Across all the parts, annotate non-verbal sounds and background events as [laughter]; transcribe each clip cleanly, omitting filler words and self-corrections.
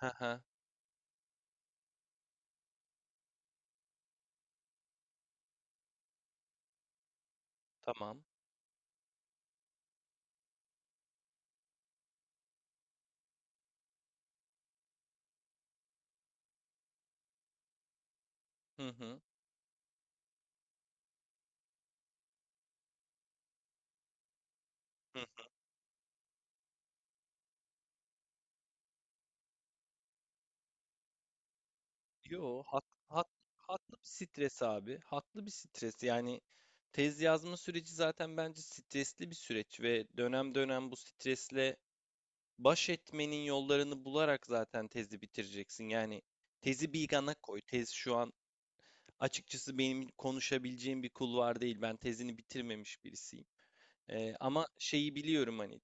He he, tamam. Hı hı. Hı. Yo, haklı bir stres abi. Haklı bir stres. Yani tez yazma süreci zaten bence stresli bir süreç ve dönem dönem bu stresle baş etmenin yollarını bularak zaten tezi bitireceksin. Yani tezi bir yana koy. Tez şu an açıkçası benim konuşabileceğim bir kulvar değil. Ben tezini bitirmemiş birisiyim. Ama şeyi biliyorum hani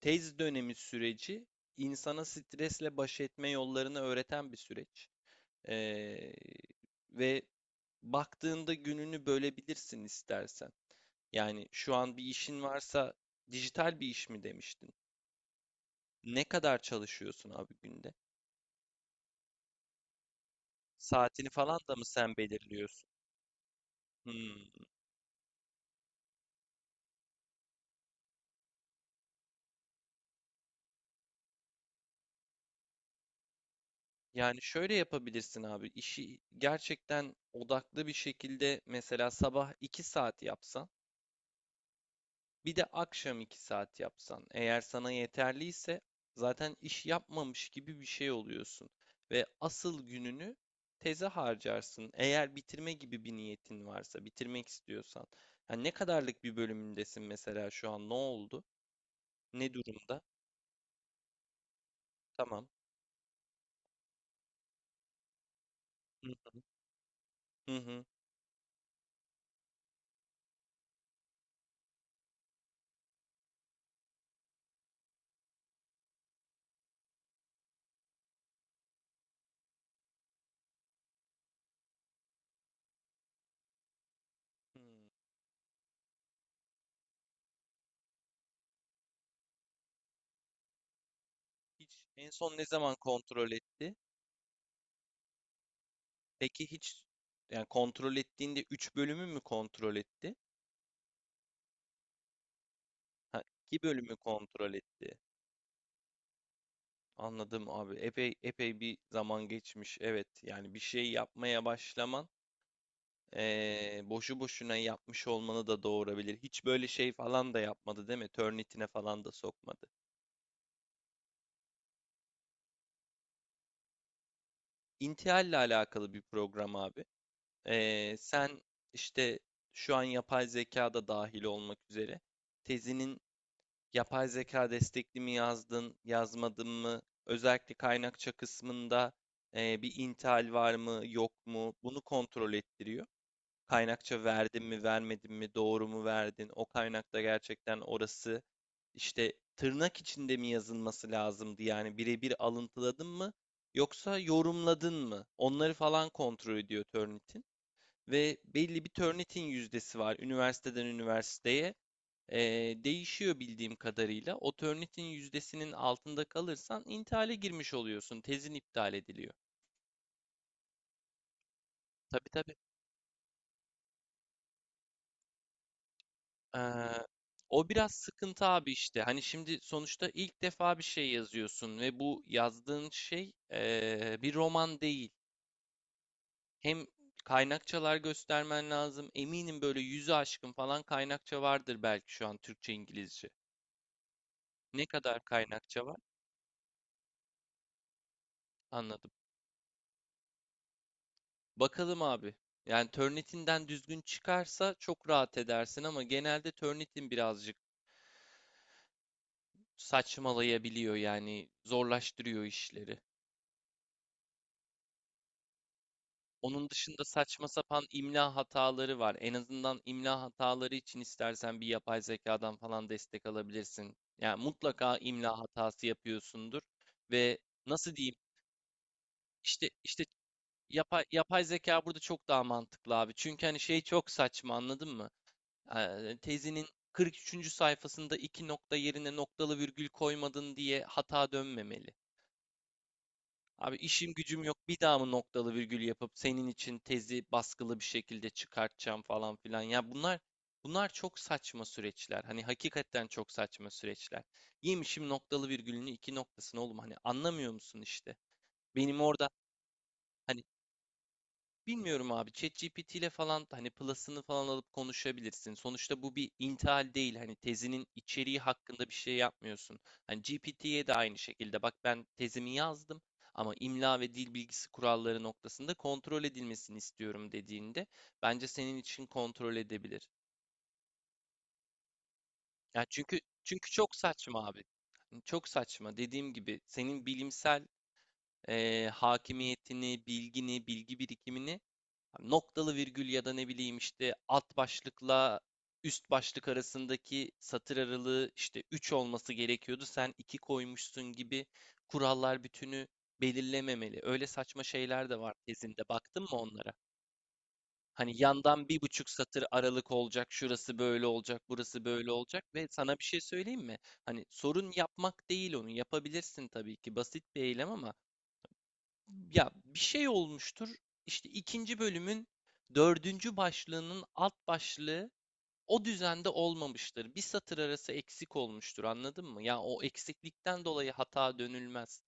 tez dönemi süreci insana stresle baş etme yollarını öğreten bir süreç. Ee, ve baktığında gününü bölebilirsin istersen. Yani şu an bir işin varsa dijital bir iş mi demiştin? Ne kadar çalışıyorsun abi günde? Saatini falan da mı sen belirliyorsun? Hmm. Yani şöyle yapabilirsin abi. İşi gerçekten odaklı bir şekilde mesela sabah 2 saat yapsan, bir de akşam 2 saat yapsan, eğer sana yeterliyse zaten iş yapmamış gibi bir şey oluyorsun ve asıl gününü teze harcarsın. Eğer bitirme gibi bir niyetin varsa, bitirmek istiyorsan. Yani ne kadarlık bir bölümündesin mesela şu an? Ne oldu? Ne durumda? Tamam. Hı hı. Hı. Hmm. Hiç en son ne zaman kontrol etti? Peki hiç yani kontrol ettiğinde 3 bölümü mü kontrol etti? Ha, 2 bölümü kontrol etti. Anladım abi. Epey epey bir zaman geçmiş. Evet, yani bir şey yapmaya başlaman boşu boşuna yapmış olmanı da doğurabilir. Hiç böyle şey falan da yapmadı değil mi? Turnitin'e falan da sokmadı. İntihalle alakalı bir program abi. Sen işte şu an yapay zeka da dahil olmak üzere tezinin yapay zeka destekli mi yazdın, yazmadın mı? Özellikle kaynakça kısmında bir intihal var mı, yok mu? Bunu kontrol ettiriyor. Kaynakça verdin mi, vermedin mi, doğru mu verdin? O kaynakta gerçekten orası işte tırnak içinde mi yazılması lazımdı? Yani birebir alıntıladın mı yoksa yorumladın mı? Onları falan kontrol ediyor Turnitin. Ve belli bir Turnitin yüzdesi var üniversiteden üniversiteye. Değişiyor bildiğim kadarıyla. O Turnitin yüzdesinin altında kalırsan intihale girmiş oluyorsun. Tezin iptal ediliyor. Tabii tabii. Eee, O biraz sıkıntı abi işte. Hani şimdi sonuçta ilk defa bir şey yazıyorsun ve bu yazdığın şey bir roman değil. Hem kaynakçalar göstermen lazım. Eminim böyle yüzü aşkın falan kaynakça vardır belki şu an Türkçe, İngilizce. Ne kadar kaynakça var? Anladım. Bakalım abi. Yani Turnitin'den düzgün çıkarsa çok rahat edersin ama genelde Turnitin birazcık saçmalayabiliyor yani zorlaştırıyor işleri. Onun dışında saçma sapan imla hataları var. En azından imla hataları için istersen bir yapay zekadan falan destek alabilirsin. Yani mutlaka imla hatası yapıyorsundur ve nasıl diyeyim? İşte yapay zeka burada çok daha mantıklı abi. Çünkü hani şey çok saçma anladın mı? Tezinin 43. sayfasında iki nokta yerine noktalı virgül koymadın diye hata dönmemeli. Abi işim gücüm yok. Bir daha mı noktalı virgül yapıp senin için tezi baskılı bir şekilde çıkartacağım falan filan. Ya bunlar çok saçma süreçler. Hani hakikaten çok saçma süreçler. Yemişim noktalı virgülünü iki noktasını oğlum hani anlamıyor musun işte? Benim orada hani bilmiyorum abi. ChatGPT ile falan hani plus'ını falan alıp konuşabilirsin. Sonuçta bu bir intihal değil. Hani tezinin içeriği hakkında bir şey yapmıyorsun. Hani GPT'ye de aynı şekilde. Bak ben tezimi yazdım ama imla ve dil bilgisi kuralları noktasında kontrol edilmesini istiyorum dediğinde bence senin için kontrol edebilir. Ya çünkü çok saçma abi. Çok saçma. Dediğim gibi senin bilimsel hakimiyetini, bilgini, bilgi birikimini hani, noktalı virgül ya da ne bileyim işte alt başlıkla üst başlık arasındaki satır aralığı işte 3 olması gerekiyordu. Sen 2 koymuşsun gibi kurallar bütünü belirlememeli. Öyle saçma şeyler de var tezinde. Baktın mı onlara? Hani yandan 1,5 satır aralık olacak, şurası böyle olacak, burası böyle olacak ve sana bir şey söyleyeyim mi? Hani sorun yapmak değil onu. Yapabilirsin tabii ki basit bir eylem ama ya bir şey olmuştur. İşte ikinci bölümün dördüncü başlığının alt başlığı o düzende olmamıştır. Bir satır arası eksik olmuştur, anladın mı? Ya o eksiklikten dolayı hata dönülmez.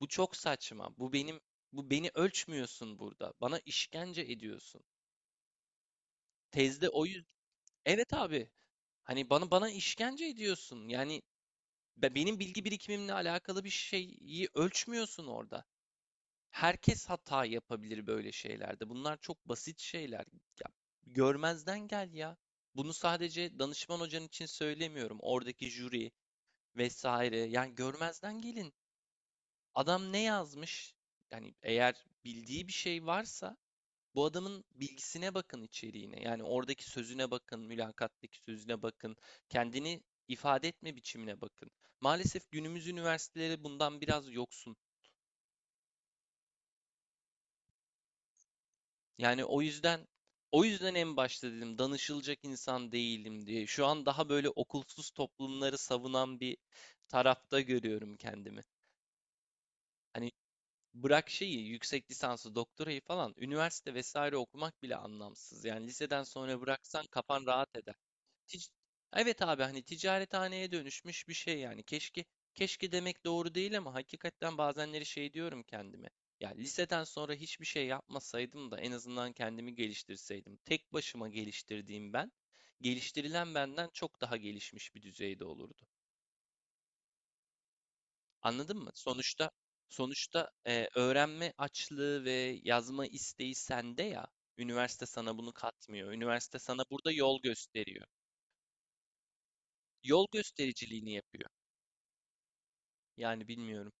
Bu çok saçma. Bu beni ölçmüyorsun burada. Bana işkence ediyorsun. Tezde o yüz Evet abi. Hani bana işkence ediyorsun. Yani benim bilgi birikimimle alakalı bir şeyi ölçmüyorsun orada. Herkes hata yapabilir böyle şeylerde. Bunlar çok basit şeyler. Ya, görmezden gel ya. Bunu sadece danışman hocan için söylemiyorum. Oradaki jüri vesaire. Yani görmezden gelin. Adam ne yazmış? Yani eğer bildiği bir şey varsa bu adamın bilgisine bakın içeriğine. Yani oradaki sözüne bakın, mülakattaki sözüne bakın. Kendini ifade etme biçimine bakın. Maalesef günümüz üniversiteleri bundan biraz yoksun. Yani o yüzden en başta dedim danışılacak insan değilim diye. Şu an daha böyle okulsuz toplumları savunan bir tarafta görüyorum kendimi. Hani bırak şeyi, yüksek lisansı, doktorayı falan, üniversite vesaire okumak bile anlamsız. Yani liseden sonra bıraksan kafan rahat eder. Tic- Evet abi hani ticarethaneye dönüşmüş bir şey yani. Keşke demek doğru değil ama hakikaten bazenleri şey diyorum kendime. Ya liseden sonra hiçbir şey yapmasaydım da en azından kendimi geliştirseydim. Tek başıma geliştirdiğim ben, geliştirilen benden çok daha gelişmiş bir düzeyde olurdu. Anladın mı? Sonuçta öğrenme açlığı ve yazma isteği sende ya. Üniversite sana bunu katmıyor. Üniversite sana burada yol gösteriyor. Yol göstericiliğini yapıyor. Yani bilmiyorum.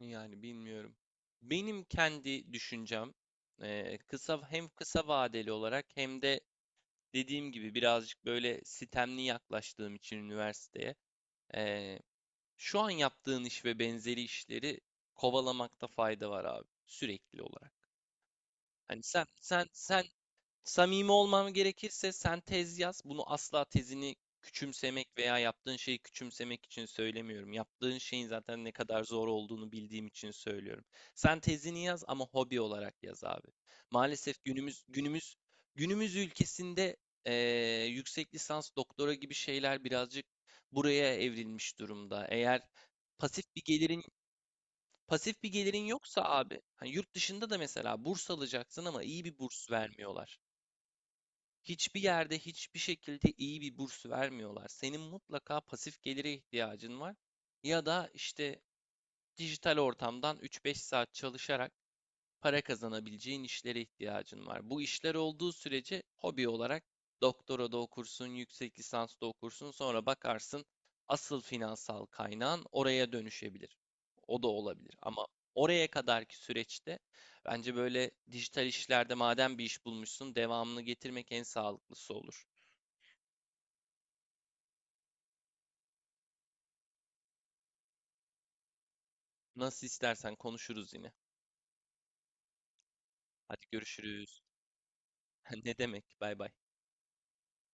Yani bilmiyorum. Benim kendi düşüncem hem kısa vadeli olarak hem de dediğim gibi birazcık böyle sistemli yaklaştığım için üniversiteye eee, şu an yaptığın iş ve benzeri işleri kovalamakta fayda var abi sürekli olarak. Hani sen sen sen Samimi olmam gerekirse sen tez yaz. Bunu asla tezini küçümsemek veya yaptığın şeyi küçümsemek için söylemiyorum. Yaptığın şeyin zaten ne kadar zor olduğunu bildiğim için söylüyorum. Sen tezini yaz ama hobi olarak yaz abi. Maalesef günümüz ülkesinde yüksek lisans, doktora gibi şeyler birazcık buraya evrilmiş durumda. Eğer pasif bir gelirin pasif bir gelirin yoksa abi, hani yurt dışında da mesela burs alacaksın ama iyi bir burs vermiyorlar. Hiçbir yerde hiçbir şekilde iyi bir burs vermiyorlar. Senin mutlaka pasif gelire ihtiyacın var. Ya da işte dijital ortamdan 3-5 saat çalışarak para kazanabileceğin işlere ihtiyacın var. Bu işler olduğu sürece hobi olarak doktora da okursun, yüksek lisans da okursun, sonra bakarsın asıl finansal kaynağın oraya dönüşebilir. O da olabilir ama oraya kadarki süreçte bence böyle dijital işlerde madem bir iş bulmuşsun devamını getirmek en sağlıklısı olur. Nasıl istersen konuşuruz yine. Hadi görüşürüz. [laughs] Ne demek? Bay bay.